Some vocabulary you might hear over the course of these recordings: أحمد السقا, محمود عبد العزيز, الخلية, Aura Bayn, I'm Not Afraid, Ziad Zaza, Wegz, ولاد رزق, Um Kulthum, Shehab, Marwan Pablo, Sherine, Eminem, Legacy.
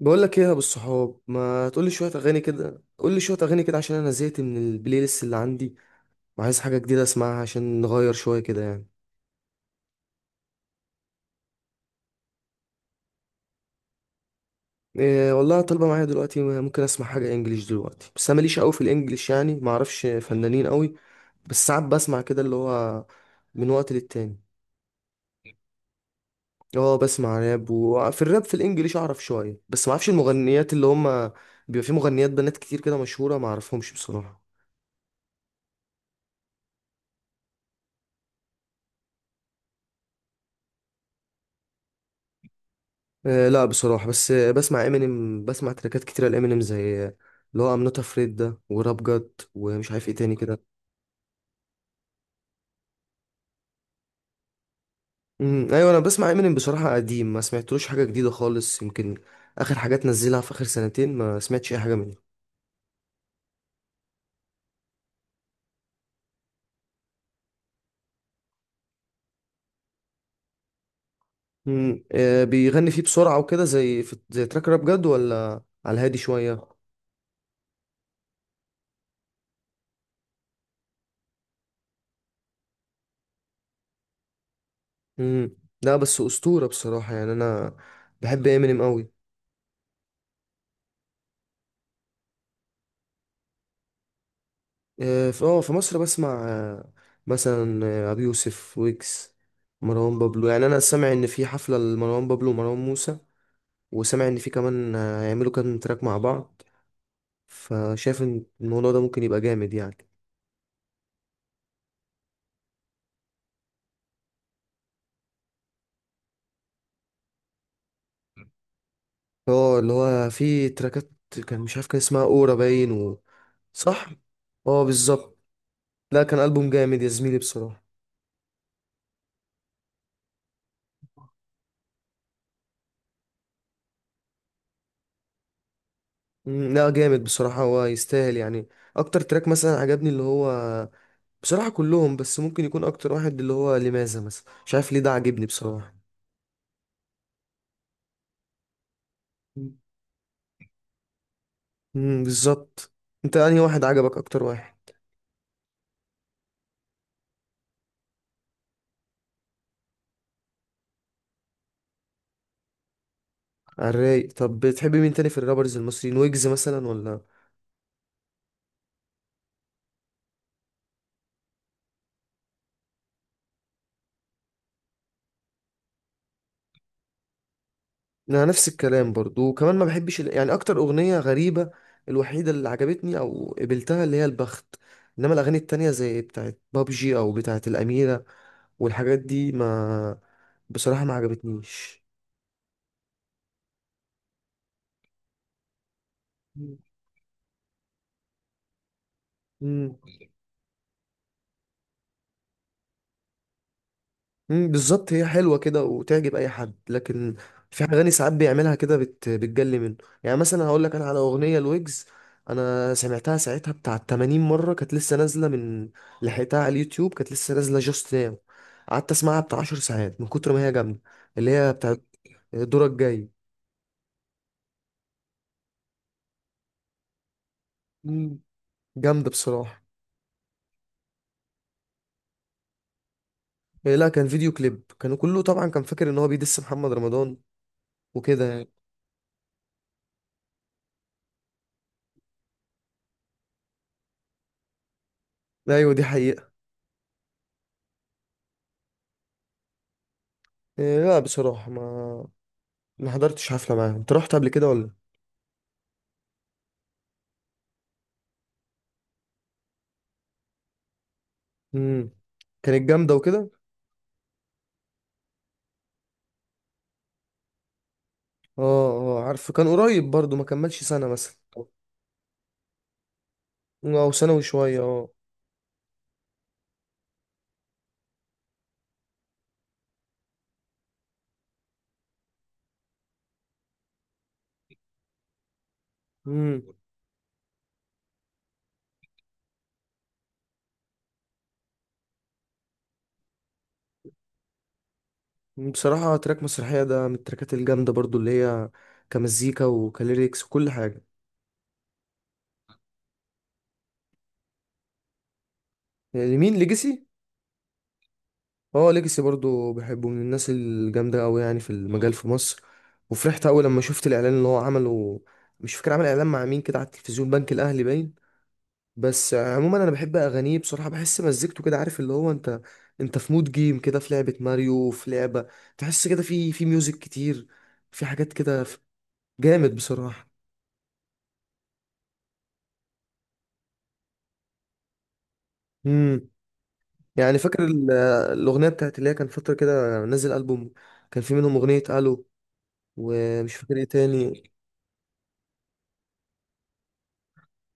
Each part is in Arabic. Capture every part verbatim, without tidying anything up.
بقول لك ايه يا ابو الصحاب، ما تقول لي شويه اغاني كده؟ قول لي شويه اغاني كده عشان انا زهقت من البلاي ليست اللي عندي وعايز حاجه جديده اسمعها عشان نغير شويه كده يعني. إيه، والله طالبه معايا دلوقتي. ممكن اسمع حاجه انجليش دلوقتي، بس انا ماليش قوي في الانجليش، يعني ما اعرفش فنانين قوي. بس ساعات بسمع كده، اللي هو من وقت للتاني. اه بسمع راب. وفي الراب في الانجليش اعرف شويه، بس ما اعرفش المغنيات اللي هم. بيبقى في مغنيات بنات كتير كده مشهوره، ما اعرفهمش بصراحه. آه، لا بصراحة، بس آه، بسمع امينيم. بسمع تراكات كتيرة لامينيم، زي آه، اللي هو ام نوت افريد ده، وراب جاد، ومش عارف ايه تاني كده. امم ايوه، انا بسمع امينيم بصراحة قديم، ما سمعتلوش حاجة جديدة خالص، يمكن اخر حاجات نزلها في اخر سنتين ما سمعتش اي حاجة منه. امم آه، بيغني فيه بسرعة وكده، زي في زي تراك راب جاد، ولا على الهادي شوية. امم لا، بس أسطورة بصراحة يعني. انا بحب امينيم قوي. آه، في اه في مصر بسمع آه، مثلا آه، ابي يوسف، ويكس، مروان بابلو. يعني انا سامع ان في حفله لمروان بابلو ومروان موسى، وسامع ان في كمان آه، هيعملوا كام تراك مع بعض، فشايف ان الموضوع ده ممكن يبقى جامد يعني. اه اللي هو في تراكات، كان مش عارف كان اسمها اورا باين و... صح، اه بالظبط. لا كان البوم جامد يا زميلي بصراحه. مم، لا جامد بصراحه، هو يستاهل يعني. اكتر تراك مثلا عجبني اللي هو بصراحة كلهم، بس ممكن يكون أكتر واحد اللي هو لماذا مثلا، مش عارف ليه ده عاجبني بصراحة. امم بالظبط. أنت أنهي واحد عجبك أكتر واحد؟ الرايق. طب بتحب مين تاني في الرابرز المصريين؟ ويجز مثلا ولا؟ أنا نفس الكلام برضو، وكمان ما بحبش ال- يعني. أكتر أغنية غريبة الوحيدة اللي عجبتني أو قبلتها اللي هي البخت. إنما الأغاني التانية زي بتاعت بابجي أو بتاعت الأميرة والحاجات دي ما، بصراحة ما عجبتنيش. مم، بالظبط، هي حلوه كده وتعجب اي حد، لكن في اغاني ساعات بيعملها كده بت... بتجلي منه. يعني مثلا هقول لك انا على اغنيه لويجز. انا سمعتها ساعتها بتاع تمانين مره، كانت لسه نازله من، لحقتها على اليوتيوب كانت لسه نازله جاست ناو. قعدت اسمعها بتاع عشر ساعات من كتر ما هي جامده. اللي هي بتاع دورك جاي. مم، جامده بصراحه. إيه، لا كان فيديو كليب كانوا كله طبعا، كان فاكر ان هو بيدس محمد رمضان وكده يعني. ايوه دي حقيقه. إيه، لا بصراحه ما، ما حضرتش حفله معاهم. انت رحت قبل كده ولا؟ امم كانت جامده وكده. اه اه عارفه، كان قريب برضو، ما كملش سنه مثلا، او سنه وشويه اه. امم بصراحه تراك مسرحيه ده من التراكات الجامده برضو، اللي هي كمزيكا وكليريكس وكل حاجه. لمين ليجاسي؟ اه ليجاسي برضو بحبه، من الناس الجامده قوي يعني في المجال في مصر. وفرحت قوي لما شفت الاعلان اللي هو عمله. مش فاكر عمل اعلان مع مين كده على التلفزيون، بنك الاهلي باين. بس عموما انا بحب اغانيه بصراحه، بحس مزيكته كده عارف اللي هو انت، انت في مود جيم كده في لعبه ماريو، في لعبه. تحس كده في في ميوزك كتير، في حاجات كده ف- جامد بصراحه. امم يعني فاكر ال- الاغنيه بتاعت اللي هي، كان فتره كده نزل البوم، كان في منهم اغنيه الو ومش فاكر ايه تاني.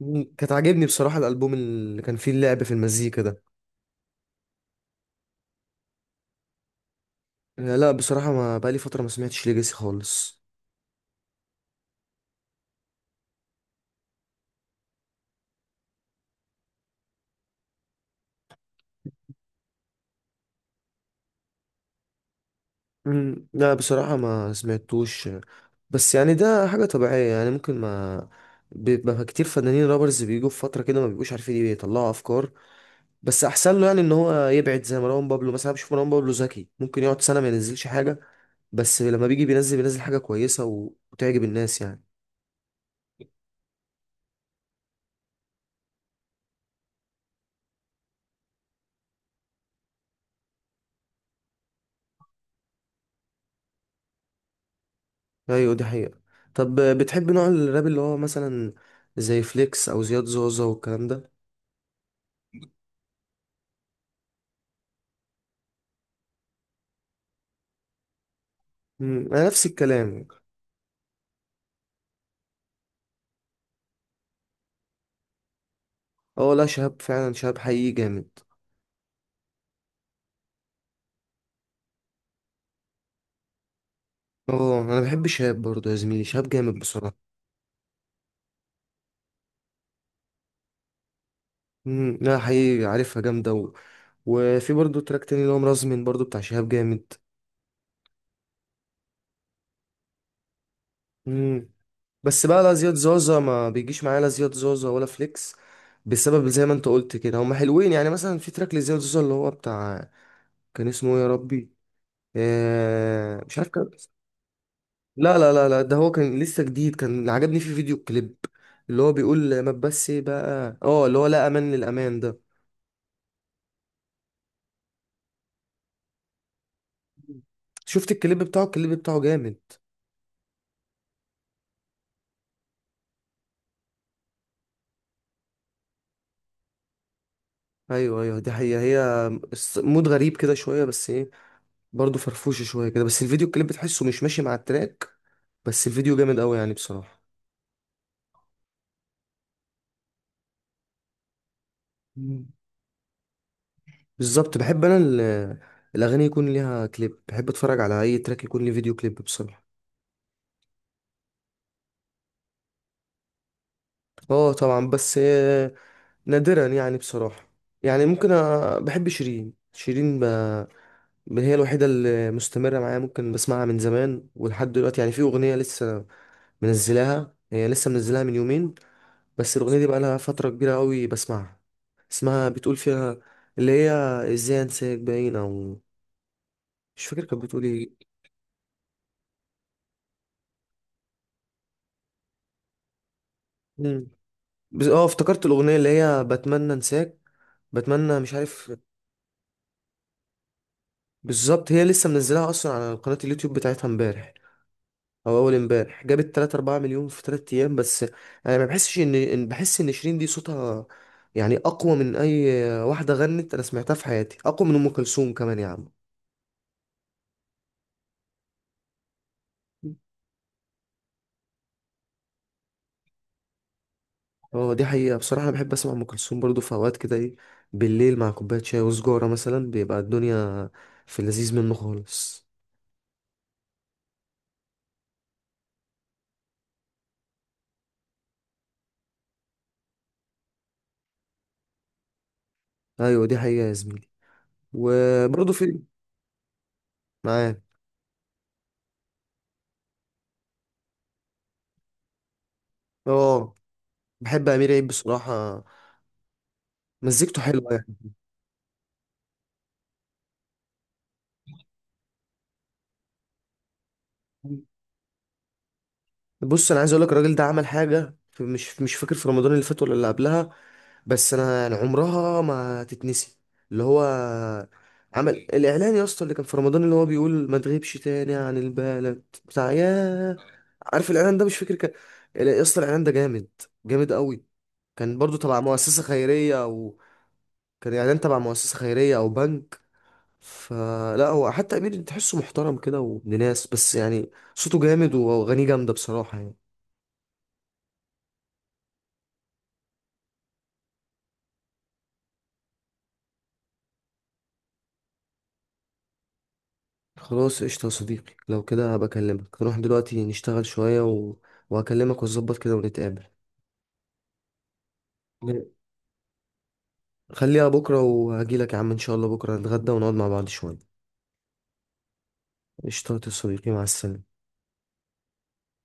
مم، كانت عاجبني بصراحه الالبوم اللي كان فيه اللعب في المزيكا ده. آه، لا بصراحه ما بقالي فتره ما سمعتش ليجاسي خالص. مم، لا بصراحة ما سمعتوش، بس يعني ده حاجة طبيعية يعني، ممكن ما، بيبقى كتير فنانين رابرز بيجوا في فترة كده ما بيبقوش عارفين ايه، يطلعوا أفكار. بس أحسن له يعني إن هو يبعد زي مروان بابلو مثلا. أنا بشوف مروان بابلو ذكي، ممكن يقعد سنة ما ينزلش حاجة، بس لما بيجي بينزل، بينزل حاجة كويسة و- وتعجب الناس يعني. أيوة دي حقيقة. طب بتحب نوع الراب اللي هو مثلا زي فليكس أو زياد زوزة والكلام ده؟ مم، أنا نفس الكلام. اه لا، شهاب فعلا شهاب حقيقي جامد. اه انا بحب شهاب برضه يا زميلي، شهاب جامد بصراحه. امم لا حقيقي عارفها جامده و... وفي برضه تراك تاني اللي هو مرزمن، برضه بتاع شهاب جامد. امم بس بقى لا زياد زازا ما بيجيش معايا، لا زياد زازا ولا فليكس. بسبب زي ما انت قلت كده هما حلوين، يعني مثلا في تراك لزياد زازا اللي هو بتاع، كان اسمه ايه يا ربي؟ آه... مش عارف كان. لا لا لا لا، ده هو كان لسه جديد، كان اللي عجبني فيه فيديو كليب اللي هو بيقول ما بس بقى اه اللي هو لا امان للامان ده. شفت الكليب بتاعه؟ الكليب بتاعه جامد. ايوه ايوه دي حقيقة. هي الس- مود غريب كده شوية بس ايه، برضه فرفوشة شوية كده. بس الفيديو الكليب بتحسه مش ماشي مع التراك، بس الفيديو جامد قوي يعني بصراحة. مم. بالظبط، بحب انا ال- الاغاني يكون ليها كليب، بحب اتفرج على اي تراك يكون ليه فيديو كليب بصراحة. اه طبعا، بس آه، نادرا يعني بصراحة. يعني ممكن أ... بحب شيرين. شيرين ب... ب- هي الوحيدة اللي مستمرة معايا، ممكن بسمعها من زمان ولحد دلوقتي. يعني في أغنية لسه منزلاها، هي لسه منزلاها من يومين، بس الأغنية دي بقالها فترة كبيرة قوي بسمعها. اسمها بتقول فيها اللي هي، ازاي انساك باين او مش فاكر كانت بتقول ايه. مم. بس اه افتكرت الأغنية اللي هي بتمنى انساك، بتمنى مش عارف. بالظبط، هي لسه منزلاها اصلا على قناة اليوتيوب بتاعتها امبارح او اول امبارح، جابت تلاتة اربعة مليون في تلات ايام بس. انا ما بحسش ان إن- بحس ان شيرين دي صوتها يعني اقوى من اي واحدة غنت انا سمعتها في حياتي، اقوى من ام كلثوم كمان يا عم. هو دي حقيقة بصراحة، أنا بحب أسمع أم كلثوم برضه في أوقات كده. إيه، بالليل مع كوباية شاي وسجارة مثلا، بيبقى الدنيا في اللذيذ منه خالص. أيوة دي حقيقة يا زميلي. وبرضه في معاه. أه، بحب أمير عيد بصراحة، مزيكته حلوة يعني. بص أنا عايز أقولك الراجل ده عمل حاجة في- مش مش فاكر في رمضان اللي فات ولا اللي قبلها، بس أنا يعني عمرها ما تتنسي. اللي هو عمل الإعلان يا اسطى، اللي كان في رمضان اللي هو بيقول ما تغيبش تاني عن البلد بتاع ياه. عارف الاعلان ده؟ مش فاكر كان. يا اسطى الاعلان ده جامد، جامد قوي. كان برضو تبع مؤسسه خيريه او، كان اعلان تبع مؤسسه خيريه او بنك. فلا هو حتى امير تحسه محترم كده وابن ناس، بس يعني صوته جامد واغانيه جامده بصراحه يعني. خلاص قشطه يا صديقي، لو كده هبقى اكلمك. نروح دلوقتي نشتغل شويه و... وهكلمك ونظبط كده ونتقابل. خليها بكره وهجيلك يا عم ان شاء الله، بكره نتغدى ونقعد مع بعض شويه. قشطه يا صديقي، مع السلامه.